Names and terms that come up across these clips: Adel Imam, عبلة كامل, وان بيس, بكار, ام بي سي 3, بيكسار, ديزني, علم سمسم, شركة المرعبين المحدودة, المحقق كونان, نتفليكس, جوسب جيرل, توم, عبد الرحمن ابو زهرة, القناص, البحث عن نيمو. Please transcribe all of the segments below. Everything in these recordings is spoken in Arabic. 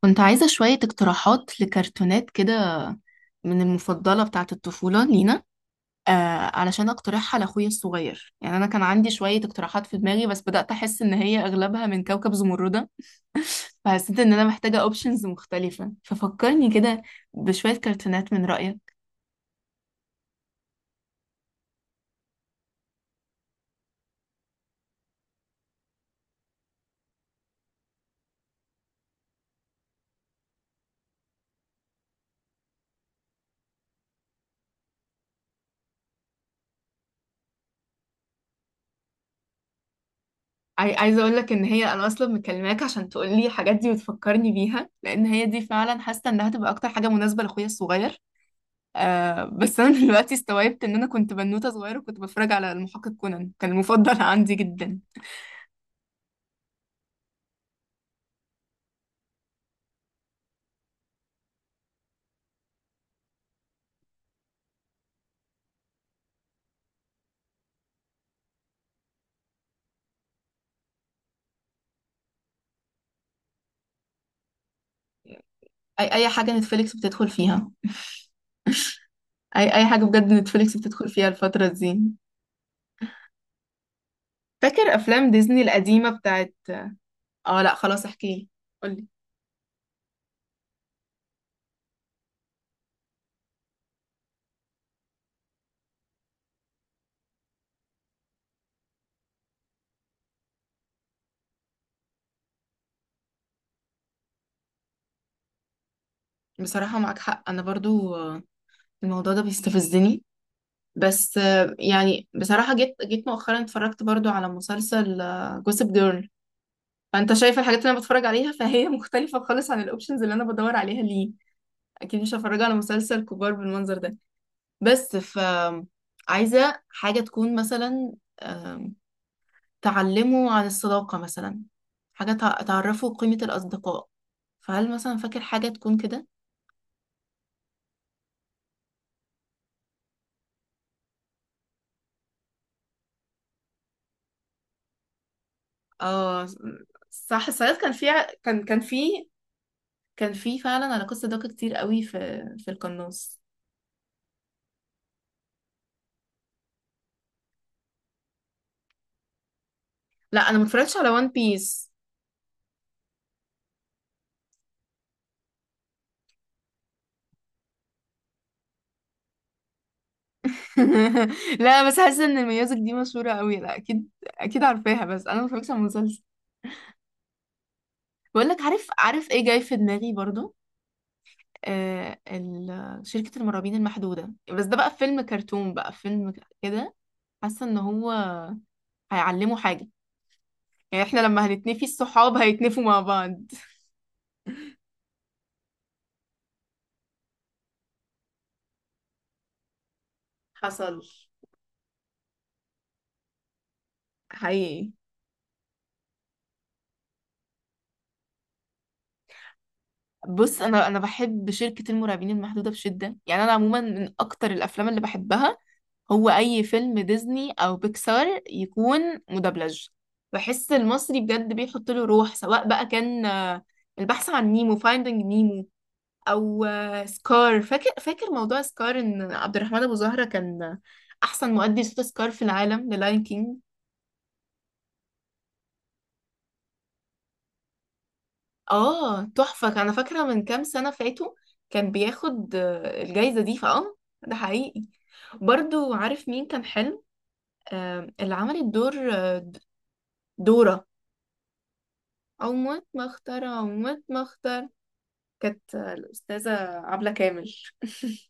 كنت عايزة شوية اقتراحات لكرتونات كده من المفضلة بتاعة الطفولة لينا آه علشان اقترحها لأخويا الصغير. يعني أنا كان عندي شوية اقتراحات في دماغي، بس بدأت أحس إن هي أغلبها من كوكب زمردة، فحسيت إن أنا محتاجة أوبشنز مختلفة، ففكرني كده بشوية كرتونات من رأيك. عايزة أقول لك إن هي أنا أصلا مكلماك عشان تقولي الحاجات دي وتفكرني بيها، لأن هي دي فعلا حاسة إنها تبقى أكتر حاجة مناسبة لأخويا الصغير. آه بس انا دلوقتي استوعبت ان انا كنت بنوته صغيره وكنت بتفرج على المحقق كونان، كان المفضل عندي جدا. اي حاجه نتفليكس بتدخل فيها، اي حاجه بجد نتفليكس بتدخل فيها الفتره دي. فاكر افلام ديزني القديمه بتاعت؟ اه لا خلاص احكي لي، قولي. بصراحه معاك حق، انا برضو الموضوع ده بيستفزني. بس يعني بصراحه جيت مؤخرا اتفرجت برضو على مسلسل جوسب جيرل. فانت شايف الحاجات اللي انا بتفرج عليها، فهي مختلفه خالص عن الاوبشنز اللي انا بدور عليها ليه. اكيد مش هفرجها على مسلسل كبار بالمنظر ده. بس ف عايزه حاجه تكون مثلا، آم، تعلمه عن الصداقه مثلا، حاجه تعرفه قيمه الاصدقاء. فهل مثلا فاكر حاجه تكون كده؟ اه. صح، ساعات كان في كان في، كان في فعلا علاقات صداقه كتير قوي في، في القناص. لا انا ما اتفرجتش على وان بيس. لا، بس حاسه ان ميوزك دي مشهوره قوي، لا اكيد اكيد عارفاها، بس انا ما اتفرجتش على المسلسل. بقولك، عارف ايه جاي في دماغي برضو؟ شركة المرعبين المحدودة، بس ده بقى فيلم كرتون، بقى فيلم كده. حاسة ان هو هيعلمه حاجة، يعني احنا لما هنتنفي الصحاب هيتنفوا مع بعض. حصل. حقيقي. بص، انا بحب شركة المرعبين المحدودة بشدة، يعني انا عموما من اكتر الافلام اللي بحبها هو اي فيلم ديزني او بيكسار يكون مدبلج. بحس المصري بجد بيحط له روح، سواء بقى كان البحث عن نيمو، فايندينج نيمو، او سكار. فاكر موضوع سكار ان عبد الرحمن ابو زهرة كان احسن مؤدي صوت سكار في العالم للاين كينج؟ اه تحفة، انا فاكرة من كام سنة فاتوا كان بياخد الجايزة دي فاه. ده حقيقي. برضو عارف مين كان حلو؟ اللي عملت دور دورة، او موت مختار، كانت الاستاذة عبلة كامل.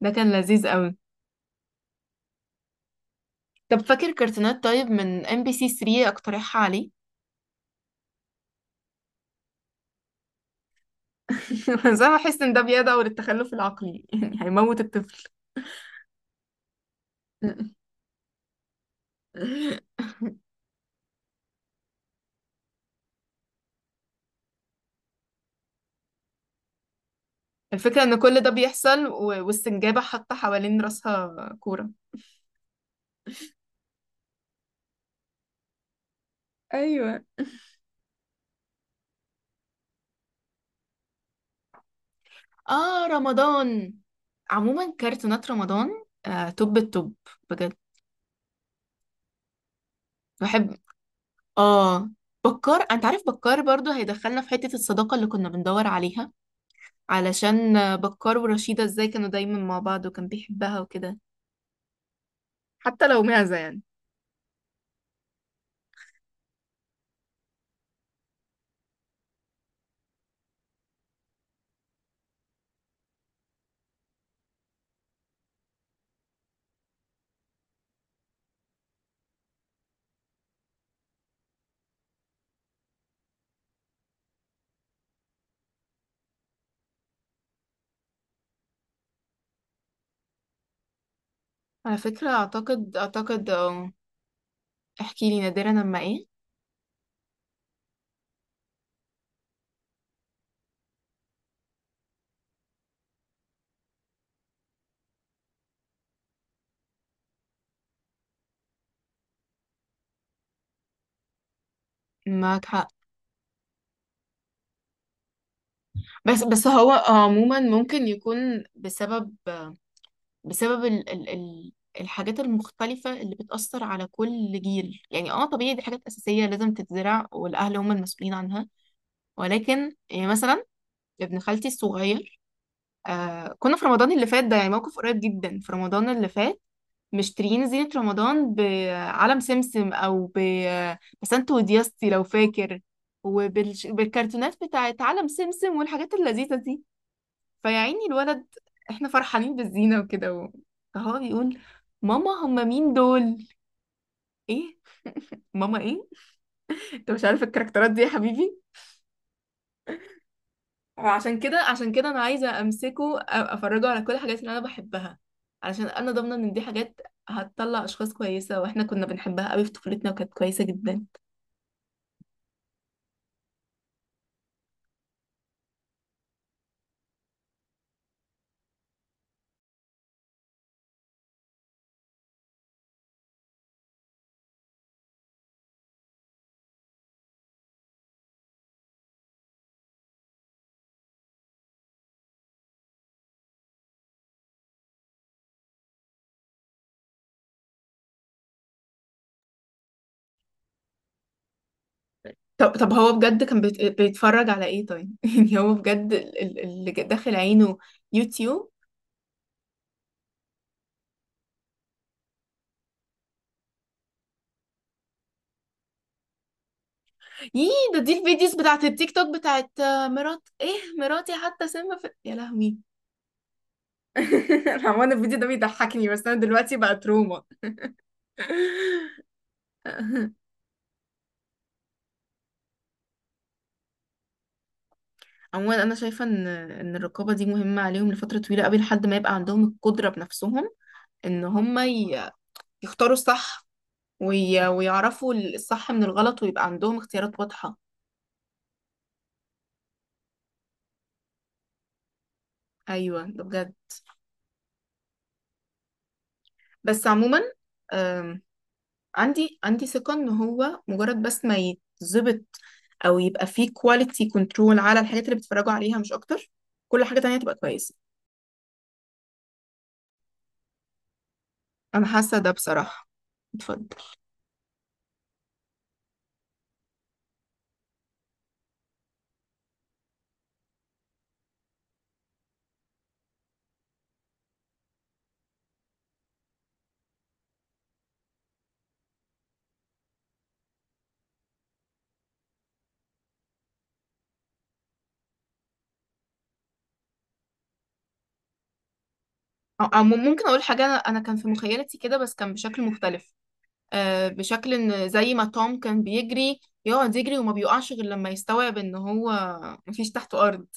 ده كان لذيذ قوي. طب فاكر كرتونات، طيب من ام بي سي 3 اقترحها عليك. بس انا بحس ان ده بيدعو للتخلف العقلي، يعني هيموت الطفل. الفكرة ان كل ده بيحصل والسنجابة حاطة حوالين راسها كورة. ايوه. اه رمضان، عموما كرتونات رمضان توب التوب بجد. بحب. اه بكار، انت عارف بكار برضو هيدخلنا في حتة الصداقة اللي كنا بندور عليها، علشان بكار ورشيدة ازاي كانوا دايما مع بعض وكان بيحبها وكده، حتى لو معزة يعني. على فكرة اعتقد احكي لي، نادرا لما ايه؟ معاك حق. بس بس هو عموما ممكن يكون بسبب، بسبب ال الحاجات المختلفة اللي بتأثر على كل جيل. يعني اه طبيعي، دي حاجات أساسية لازم تتزرع والأهل هم المسؤولين عنها. ولكن يعني مثلا ابن خالتي الصغير، كنا في رمضان اللي فات، ده يعني موقف قريب جدا في رمضان اللي فات. مشترين زينة رمضان بعلم سمسم أو بسنت ودياستي لو فاكر، وبالكرتونات بتاعت علم سمسم والحاجات اللذيذة دي. فيا عيني الولد، احنا فرحانين بالزينة وكده فهو بيقول، ماما هم مين دول؟ ايه؟ ماما ايه؟ انت مش عارف الكاركترات دي يا حبيبي؟ وعشان كده انا عايزة امسكه، افرجه على كل الحاجات اللي انا بحبها، علشان انا ضامنة ان دي حاجات هتطلع اشخاص كويسة، واحنا كنا بنحبها قوي في طفولتنا وكانت كويسة جدا. طب طب، هو بجد كان بيتفرج على ايه طيب؟ يعني هو بجد اللي داخل عينه يوتيوب؟ يي، ده دي الفيديوز بتاعت التيك توك بتاعت مرات ايه، مراتي حتى سم في يا لهوي. عموما الفيديو ده بيضحكني، بس انا دلوقتي بقى تروما. عموما انا شايفه ان الرقابه دي مهمه عليهم لفتره طويله قوي، لحد ما يبقى عندهم القدره بنفسهم ان هم يختاروا الصح، ويعرفوا الصح من الغلط ويبقى عندهم اختيارات واضحه. ايوه ده بجد. بس عموما آم، عندي ثقة ان هو مجرد بس ما يتظبط، او يبقى فيه كواليتي كنترول على الحاجات اللي بيتفرجوا عليها مش اكتر، كل حاجة تانية تبقى كويسة. انا حاسة ده بصراحة. اتفضل. او ممكن اقول حاجة، انا كان في مخيلتي كده بس كان بشكل مختلف. بشكل ان زي ما توم كان بيجري، يقعد يجري وما بيقعش غير لما يستوعب ان هو مفيش تحته ارض.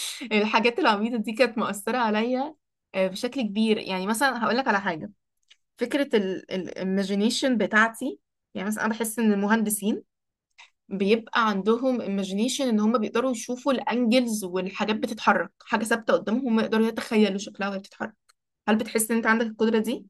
الحاجات العبيطة دي كانت مؤثرة عليا بشكل كبير. يعني مثلا هقول لك على حاجة، فكرة الايماجينيشن بتاعتي. يعني مثلا أنا بحس إن المهندسين بيبقى عندهم imagination إن هم بيقدروا يشوفوا الأنجلز، والحاجات بتتحرك حاجة ثابتة قدامهم هم يقدروا يتخيلوا شكلها وهي بتتحرك. هل بتحس إن أنت عندك القدرة دي؟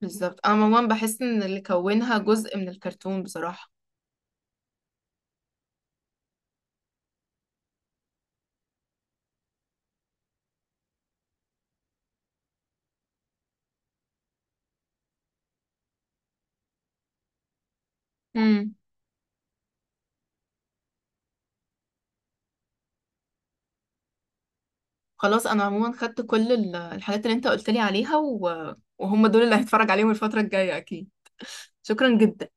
بالظبط. أنا عموما بحس إن اللي كونها جزء من الكرتون بصراحة. امم خلاص، أنا عموما خدت كل الحاجات اللي أنت قلت لي عليها، و... وهم دول اللي هتفرج عليهم الفترة الجاية أكيد. شكرا جدا.